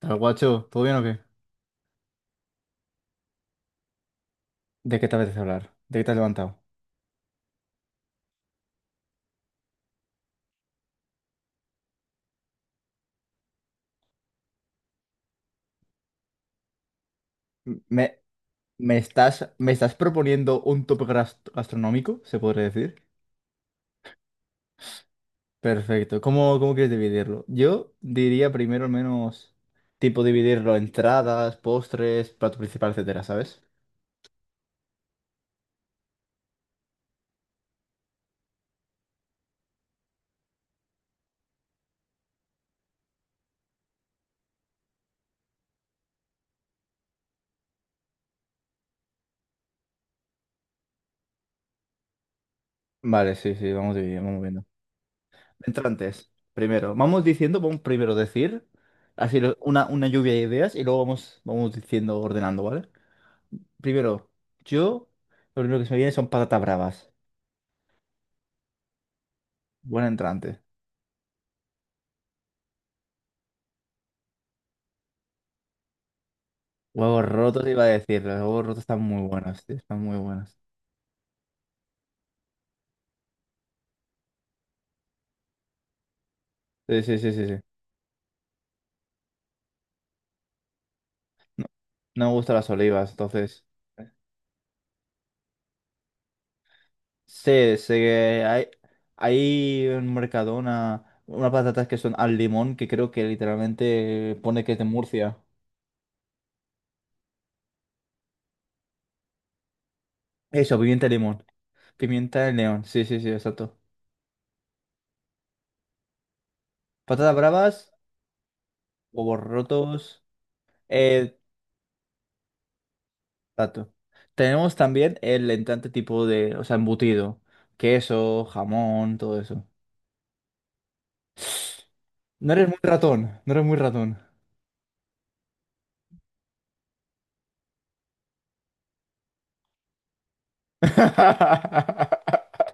Tal guacho, ¿todo bien o qué? ¿De qué te apetece hablar? ¿De qué te has levantado? M- ¿Me, me estás proponiendo un gastronómico, se podría decir? Perfecto. ¿Cómo quieres dividirlo? Yo diría primero al menos tipo dividirlo entradas, postres, plato principal, etcétera, ¿sabes? Vale, sí, sí, vamos dividiendo, vamos viendo. Entrantes, primero. Vamos diciendo, vamos primero decir, una lluvia de ideas y luego vamos, vamos diciendo, ordenando, ¿vale? Primero, yo, lo primero que se me viene son patatas bravas. Buen entrante. Huevos rotos iba a decir. Los huevos rotos están muy buenos, tío. Están muy buenos. Sí, sí, sí, sí, sí. No, no me gustan las olivas, entonces. Sí, sé que hay en Mercadona unas patatas que son al limón, que creo que literalmente pone que es de Murcia. Eso, pimienta de limón. Pimienta de león. Sí, sí, sí, exacto. Patatas bravas, huevos rotos. Eh, exacto. Tenemos también el entrante tipo de, o sea, embutido. Queso, jamón, todo eso. No eres muy ratón, no eres muy ratón.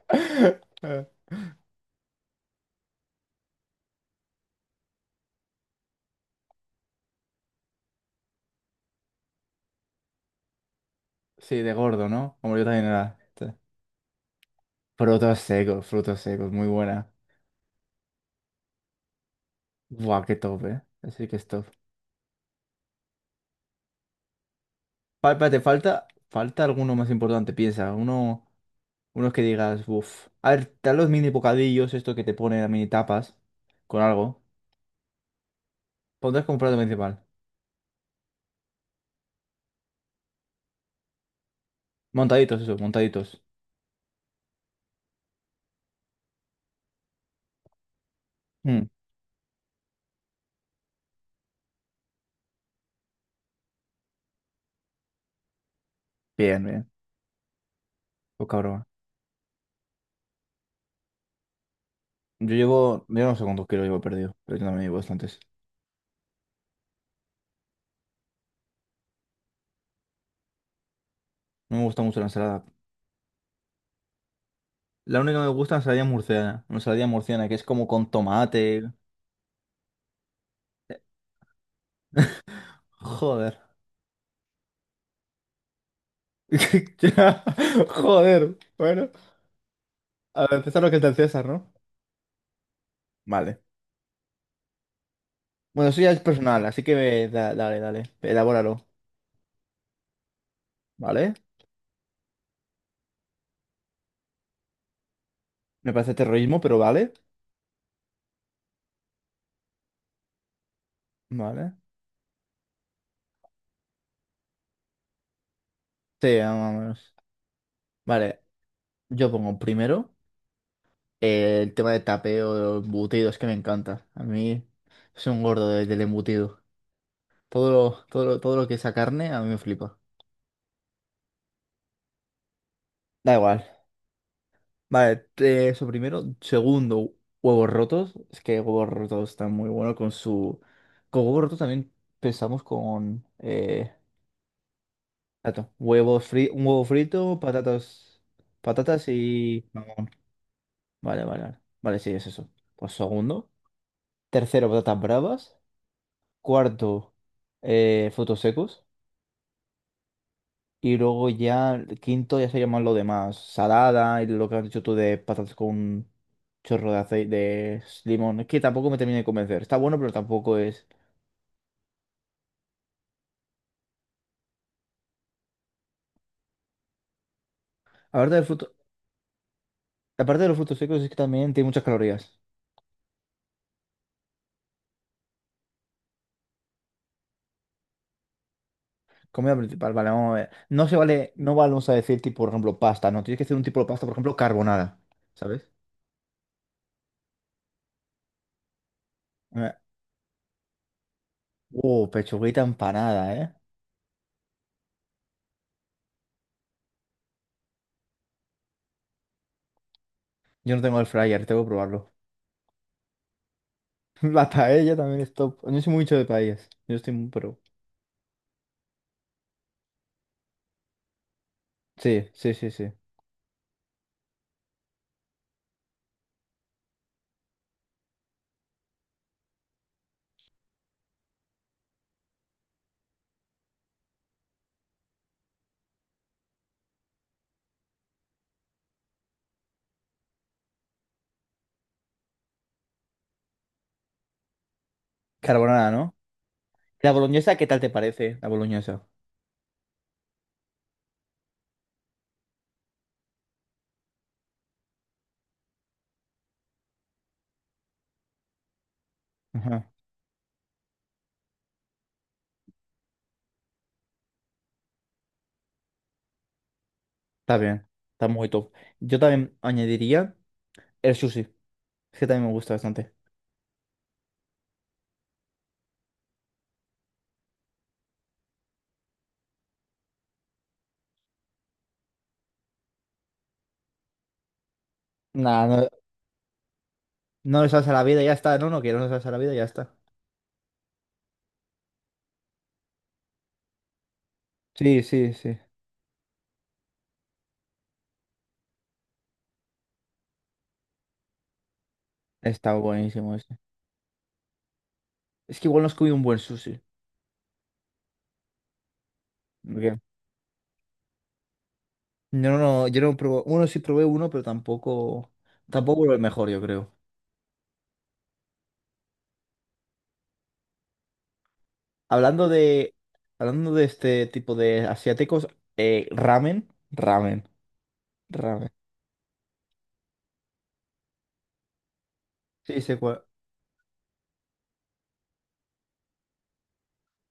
Sí, de gordo, ¿no? Como yo también era. Sí. Frutos secos, muy buena. Buah, qué top, ¿eh? Así que es top. Espérate, falta, falta alguno más importante, piensa. Uno, unos que digas, uff. A ver, te dan los mini bocadillos, esto que te ponen a mini tapas, con algo. Pondrás como plato principal. Montaditos, eso, montaditos. Mm, Bien, bien. Poca broma. Yo llevo, yo no sé cuántos kilos llevo perdido, pero yo también llevo bastantes. No me gusta mucho la ensalada. La única que me gusta es la ensalada murciana. Una ensalada murciana que es como con tomate. Joder. Ya, Joder. Bueno, a ver, César lo que es del César, ¿no? Vale. Bueno, eso ya es personal, así que dale, elabóralo. ¿Vale? Me parece terrorismo, pero vale. Vale. Sí, vámonos. Vale, yo pongo primero el tema de tapeo, de embutidos, que me encanta. A mí soy un gordo del embutido. Todo lo que sea carne a mí me flipa. Da igual. Vale, eso primero. Segundo, huevos rotos. Es que huevos rotos están muy buenos con su... Con huevos rotos también pensamos con... tanto, un huevo frito, patatas... Patatas y... mamón. Vale, vale, vale. Vale, sí, es eso. Pues segundo. Tercero, patatas bravas. Cuarto, frutos secos. Y luego ya, el quinto ya se llaman lo demás. Salada y lo que has dicho tú de patatas con un chorro de aceite, de limón. Es que tampoco me termina de convencer. Está bueno, pero tampoco es. Aparte del fruto, aparte de los frutos secos es que también tiene muchas calorías. Comida principal, vale, vamos a ver. No se vale, no vamos a decir tipo, por ejemplo, pasta, no. Tienes que hacer un tipo de pasta, por ejemplo, carbonara. ¿Sabes? Eh, pechuguita empanada, ¿eh? Yo no tengo el fryer, tengo que probarlo. La paella también es top. No soy mucho de paellas. Yo estoy muy pro. Sí, sí, sí, sí. Carbonara, ¿no? La boloñesa, ¿qué tal te parece? La boloñesa. Ajá, Está bien. Está muy top. Yo también añadiría el sushi. Es que también me gusta bastante. Nada, no, no le salsa a la vida, ya está. No, no quiero no salsa a la vida, ya está. Sí, sí, sí. Está buenísimo ese. Es que igual no has comido un buen sushi. ¿Por qué? No, no, no, yo no probé. Bueno, sí probé uno, pero tampoco. Tampoco el mejor, yo creo. Hablando de. Hablando de este tipo de asiáticos, ramen. Ramen. Ramen. Sí, sé cuál.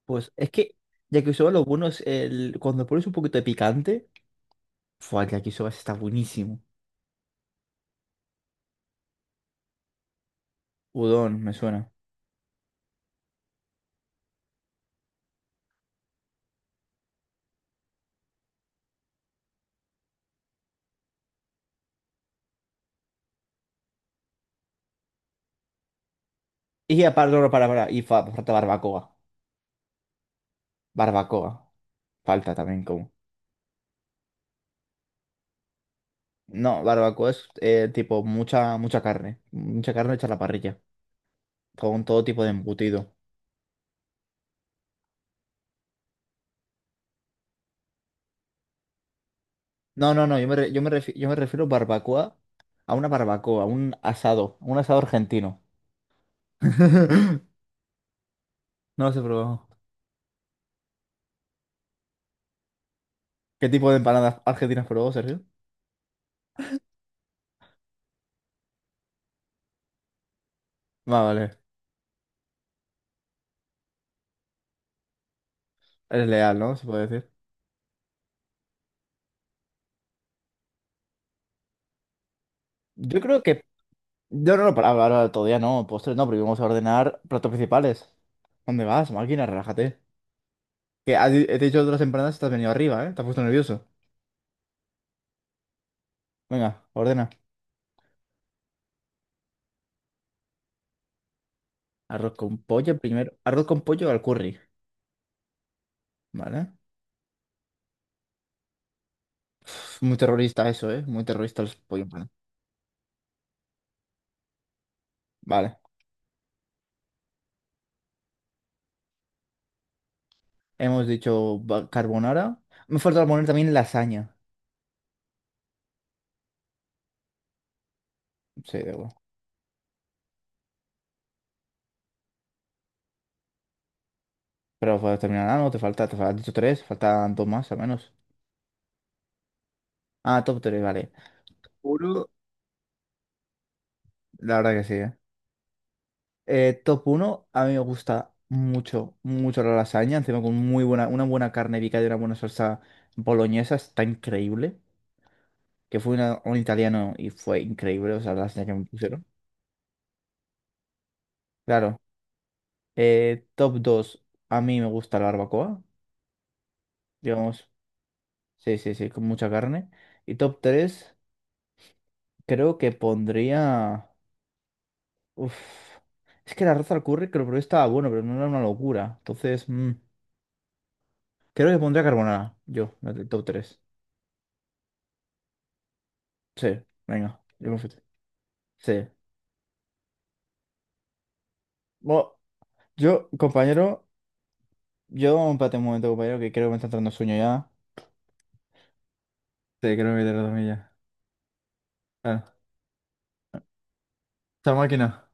Pues es que yakisoba lo bueno es el, cuando pones un poquito de picante, fue el yakisoba está buenísimo. Udon, me suena. Y aparte, no, no, para, y falta barbacoa. Barbacoa. Falta también como. No, barbacoa es tipo mucha, mucha carne. Mucha carne hecha a la parrilla. Con todo tipo de embutido. No, no, no, yo me refiero barbacoa a una barbacoa, a un asado argentino. No lo he probado. ¿Qué tipo de empanadas argentinas probó, Sergio? Ah, vale. Eres leal, ¿no? Se puede decir. Yo creo que. Yo no, no, para ahora ahora todavía no, postres no, porque vamos a ordenar platos principales. ¿Dónde vas, máquina? Relájate. Que has di- he te dicho otras empanadas y te has venido arriba, ¿eh? Te has puesto nervioso. Venga, ordena. Arroz con pollo primero. Arroz con pollo al curry, ¿vale? Uf, muy terrorista eso, ¿eh? Muy terrorista el pollo en pan. Vale. Carbonara. Me falta poner también lasaña. Sí, de acuerdo. Pero pues, terminará, ¿no? Te falta, has dicho tres, faltan dos más al menos. Ah, top tres, vale. Puro. La verdad que sí, ¿eh? Top uno a mí me gusta mucho, mucho la lasaña, encima con muy buena, una buena carne picada y una buena salsa boloñesa, está increíble. Que fue un italiano y fue increíble, o sea, la lasaña que me pusieron. Claro. Top 2 a mí me gusta la barbacoa, digamos, sí, sí, sí, con mucha carne. Y top 3 creo que pondría... Uf, es que la arroz al curry creo que lo probé, estaba bueno, pero no era una locura. Entonces, creo que pondría carbonara, yo, en el top tres. Sí, venga, yo confío en ti. Sí. Bueno, yo, compañero, yo empate un momento, compañero, que creo que me está entrando sueño ya. Sí, creo que voy a dormir ya. Bueno, chao máquina.